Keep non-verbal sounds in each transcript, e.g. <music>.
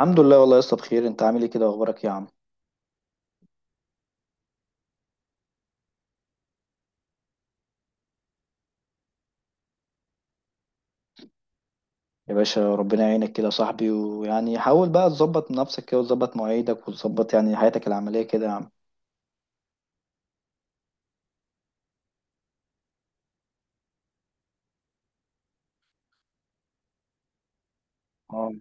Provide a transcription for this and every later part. الحمد لله والله يا اسطى، بخير. انت عامل ايه كده واخبارك يا عم؟ يا باشا، ربنا يعينك كده يا صاحبي، ويعني حاول بقى تظبط نفسك كده، وتظبط مواعيدك، وتظبط يعني حياتك العمليه كده يا عم. اه،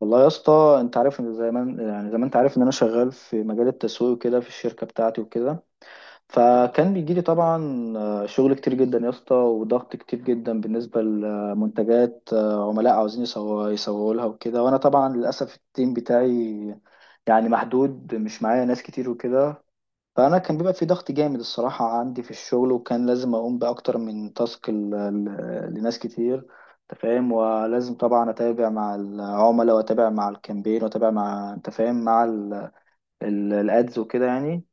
والله يا اسطى، انت عارف ان زي ما انت عارف ان انا شغال في مجال التسويق وكده في الشركه بتاعتي وكده. فكان بيجي لي طبعا شغل كتير جدا يا اسطى، وضغط كتير جدا بالنسبه لمنتجات، عملاء عاوزين يسوقوا لها وكده. وانا طبعا للاسف التيم بتاعي يعني محدود، مش معايا ناس كتير وكده. فأنا كان بيبقى في ضغط جامد الصراحة عندي في الشغل، وكان لازم أقوم بأكتر من تاسك لناس كتير. أنت فاهم، ولازم طبعا أتابع مع العملاء، وأتابع مع الكامبين، وأتابع مع أنت فاهم مع الأدز وكده يعني.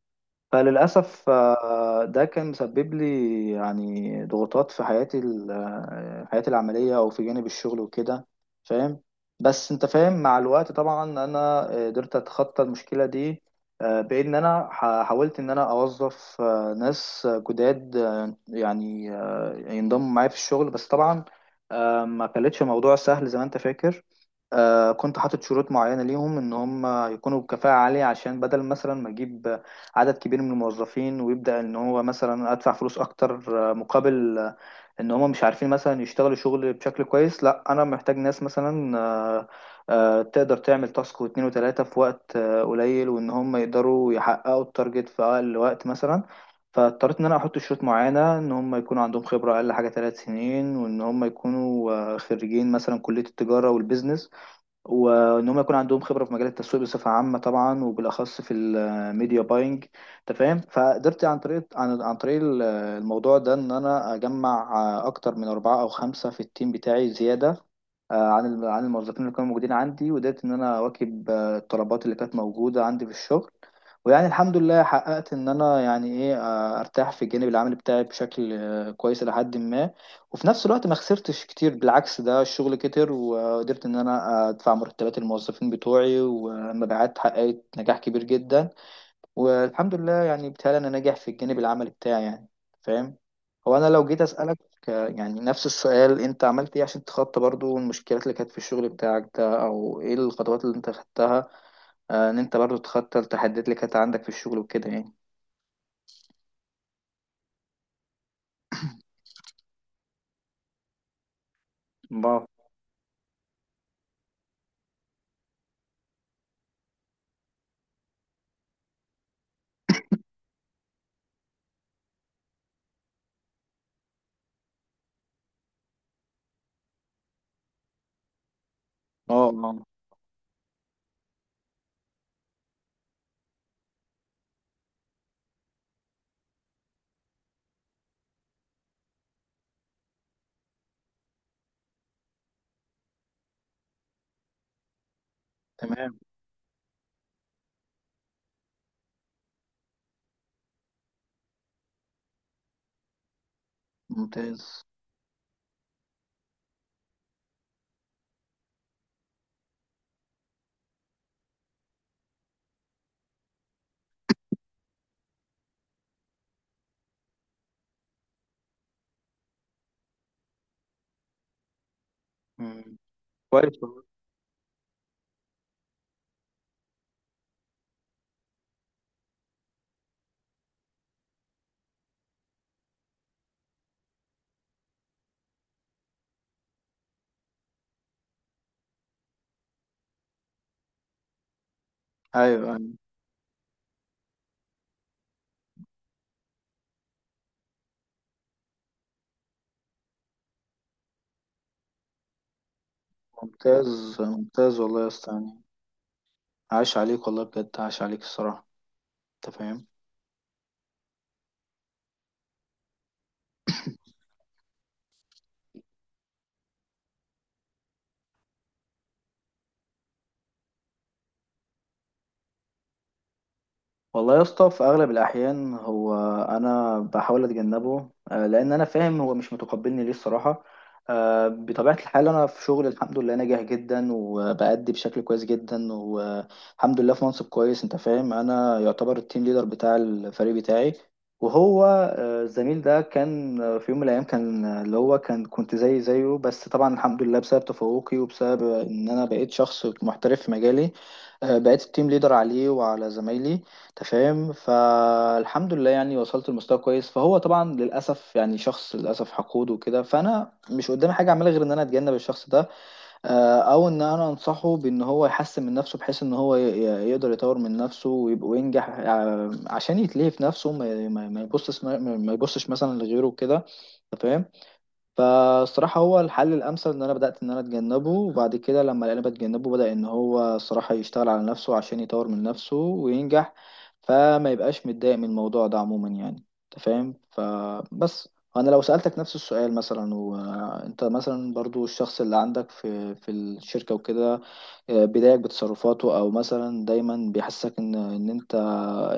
فللأسف ده كان مسبب لي يعني ضغوطات في حياتي ال- آه، حياتي العملية، أو في جانب الشغل وكده. فاهم. بس أنت فاهم، مع الوقت طبعا أنا قدرت أتخطى المشكلة دي، بإن أنا حاولت إن أنا أوظف ناس جداد، يعني ينضموا معايا في الشغل. بس طبعا ما كانتش موضوع سهل زي ما أنت فاكر. كنت حاطط شروط معينة ليهم إن هم يكونوا بكفاءة عالية، عشان بدل مثلا ما أجيب عدد كبير من الموظفين ويبدأ ان هو مثلا ادفع فلوس اكتر مقابل، ان هم مش عارفين مثلا يشتغلوا شغل بشكل كويس. لا، انا محتاج ناس مثلا تقدر تعمل تاسك واتنين وتلاتة في وقت قليل، وان هم يقدروا يحققوا التارجت في اقل وقت مثلا. فاضطريت ان انا احط شروط معينة ان هم يكونوا عندهم خبرة اقل حاجة 3 سنين، وان هم يكونوا خريجين مثلا كلية التجارة والبيزنس، وان هم يكون عندهم خبره في مجال التسويق بصفه عامه طبعا، وبالاخص في الميديا باينج. انت فاهم، فقدرت عن طريق الموضوع ده ان انا اجمع اكتر من 4 او 5 في التيم بتاعي زياده عن الموظفين اللي كانوا موجودين عندي، وقدرت ان انا اواكب الطلبات اللي كانت موجوده عندي في الشغل. ويعني الحمد لله حققت ان انا يعني ايه ارتاح في الجانب العملي بتاعي بشكل كويس الى حد ما. وفي نفس الوقت ما خسرتش كتير، بالعكس ده الشغل كتر، وقدرت ان انا ادفع مرتبات الموظفين بتوعي، والمبيعات حققت نجاح كبير جدا، والحمد لله يعني بتهيألي انا ناجح في الجانب العملي بتاعي يعني. فاهم. هو انا لو جيت اسألك يعني نفس السؤال، انت عملت ايه عشان تتخطى برضو المشكلات اللي كانت في الشغل بتاعك ده؟ او ايه الخطوات اللي انت خدتها ان انت برضو تتخطى التحديات اللي كانت عندك في الشغل وكده يعني؟ الله. اه. آه. تمام. ممتاز. مم. كويس والله. ايوه، أيوة. ممتاز، ممتاز والله يا اسطى يعني. عاش عليك والله بجد، عاش عليك الصراحة. انت فاهم. والله يا اسطى في اغلب الاحيان هو انا بحاول اتجنبه، لان انا فاهم هو مش متقبلني ليه الصراحه. بطبيعه الحال انا في شغل الحمد لله ناجح جدا، وبأدي بشكل كويس جدا والحمد لله، في منصب كويس. انت فاهم، انا يعتبر التيم ليدر بتاع الفريق بتاعي. وهو الزميل ده كان في يوم من الايام كان اللي هو كان كنت زي زيه، بس طبعا الحمد لله بسبب تفوقي وبسبب ان انا بقيت شخص محترف في مجالي بقيت التيم ليدر عليه وعلى زمايلي. انت فاهم، فالحمد لله يعني وصلت لمستوى كويس. فهو طبعا للاسف يعني شخص للاسف حقود وكده، فانا مش قدامي حاجه اعملها غير ان انا اتجنب الشخص ده، او ان انا انصحه بان هو يحسن من نفسه بحيث ان هو يقدر يطور من نفسه ويبقى وينجح، عشان يتلهي في نفسه ما يبصش مثلا لغيره وكده. انت فاهم، فالصراحة هو الحل الأمثل إن أنا بدأت إن أنا أتجنبه، وبعد كده لما لقينا بتجنبه بدأ إن هو الصراحة يشتغل على نفسه عشان يطور من نفسه وينجح، فما يبقاش متضايق من الموضوع ده عموما يعني. أنت فاهم، فبس أنا لو سألتك نفس السؤال مثلا، وأنت مثلا برضو الشخص اللي عندك في الشركة وكده بيضايقك بتصرفاته، او مثلا دايما بيحسسك ان انت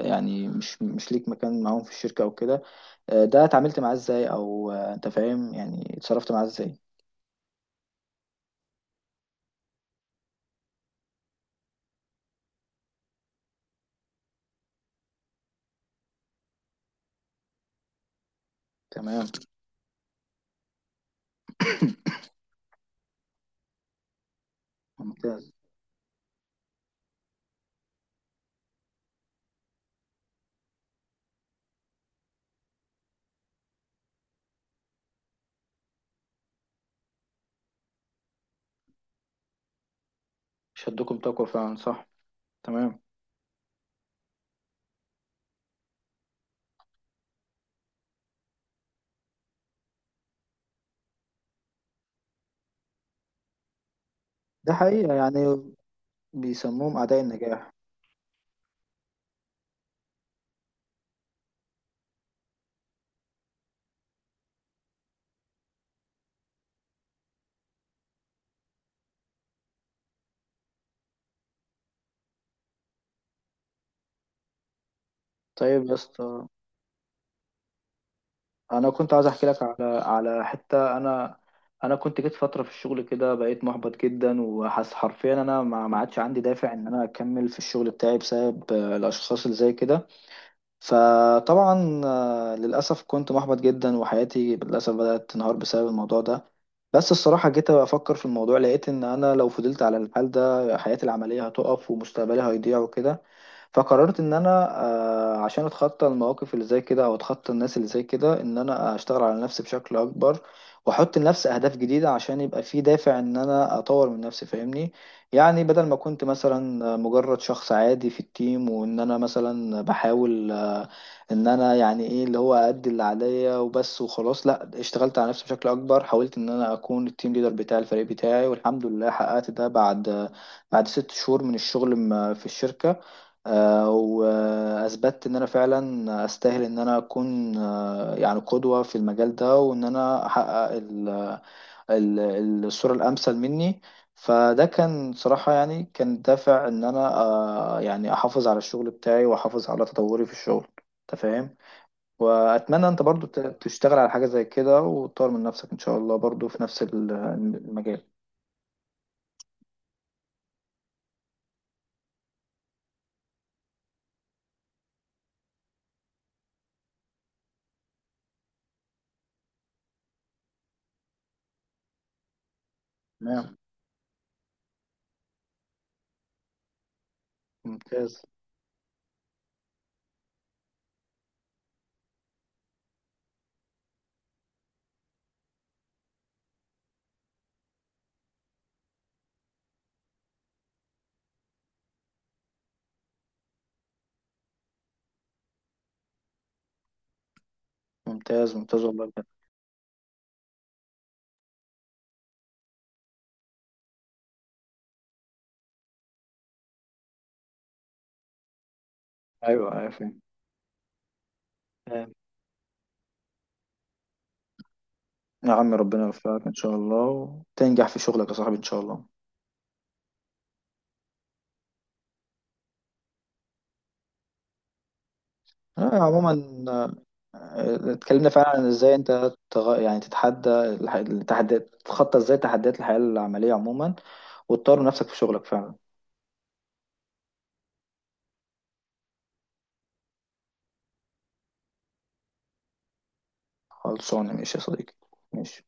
يعني مش ليك مكان معاهم في الشركه او كده، ده اتعاملت معاه ازاي؟ او انت فاهم يعني اتصرفت معاه ازاي؟ تمام. <coughs> ممتاز. شدكم تقوى، فعلا صح. تمام. ده حقيقه يعني، بيسموهم اعداء النجاح. طيب يا اسطى، انا كنت عايز احكي لك على حته. انا كنت جيت فتره في الشغل كده بقيت محبط جدا، وحاسس حرفيا انا ما عادش عندي دافع ان انا اكمل في الشغل بتاعي بسبب الاشخاص اللي زي كده. فطبعا للاسف كنت محبط جدا، وحياتي للاسف بدات تنهار بسبب الموضوع ده. بس الصراحه جيت افكر في الموضوع، لقيت ان انا لو فضلت على الحال ده حياتي العمليه هتقف ومستقبلي هيضيع وكده. فقررت ان انا عشان اتخطى المواقف اللي زي كده، او اتخطى الناس اللي زي كده، ان انا اشتغل على نفسي بشكل اكبر، واحط لنفسي اهداف جديده عشان يبقى في دافع ان انا اطور من نفسي. فاهمني، يعني بدل ما كنت مثلا مجرد شخص عادي في التيم، وان انا مثلا بحاول ان انا يعني ايه اللي هو ادي اللي عليا وبس وخلاص، لا، اشتغلت على نفسي بشكل اكبر، حاولت ان انا اكون التيم ليدر بتاع الفريق بتاعي، والحمد لله حققت ده بعد 6 شهور من الشغل في الشركة. واثبتت ان انا فعلا استاهل ان انا اكون يعني قدوة في المجال ده، وان انا احقق الصورة الامثل مني. فده كان صراحة يعني كان دافع ان انا يعني احافظ على الشغل بتاعي، واحافظ على تطوري في الشغل. انت فاهم، واتمنى انت برضو تشتغل على حاجة زي كده، وتطور من نفسك ان شاء الله برضو في نفس المجال. تمام. ممتاز، ممتاز، ممتاز والله بجد. ايوه، ايوه، فاهم. يا عم ربنا يوفقك ان شاء الله، وتنجح في شغلك يا صاحبي ان شاء الله. عموما اتكلمنا فعلا عن ازاي انت يعني تتحدى التحديات، تتخطى ازاي تحديات الحياة العملية عموما، وتطور نفسك في شغلك فعلا. خلصانه ماشي يا صديقي. ماشي.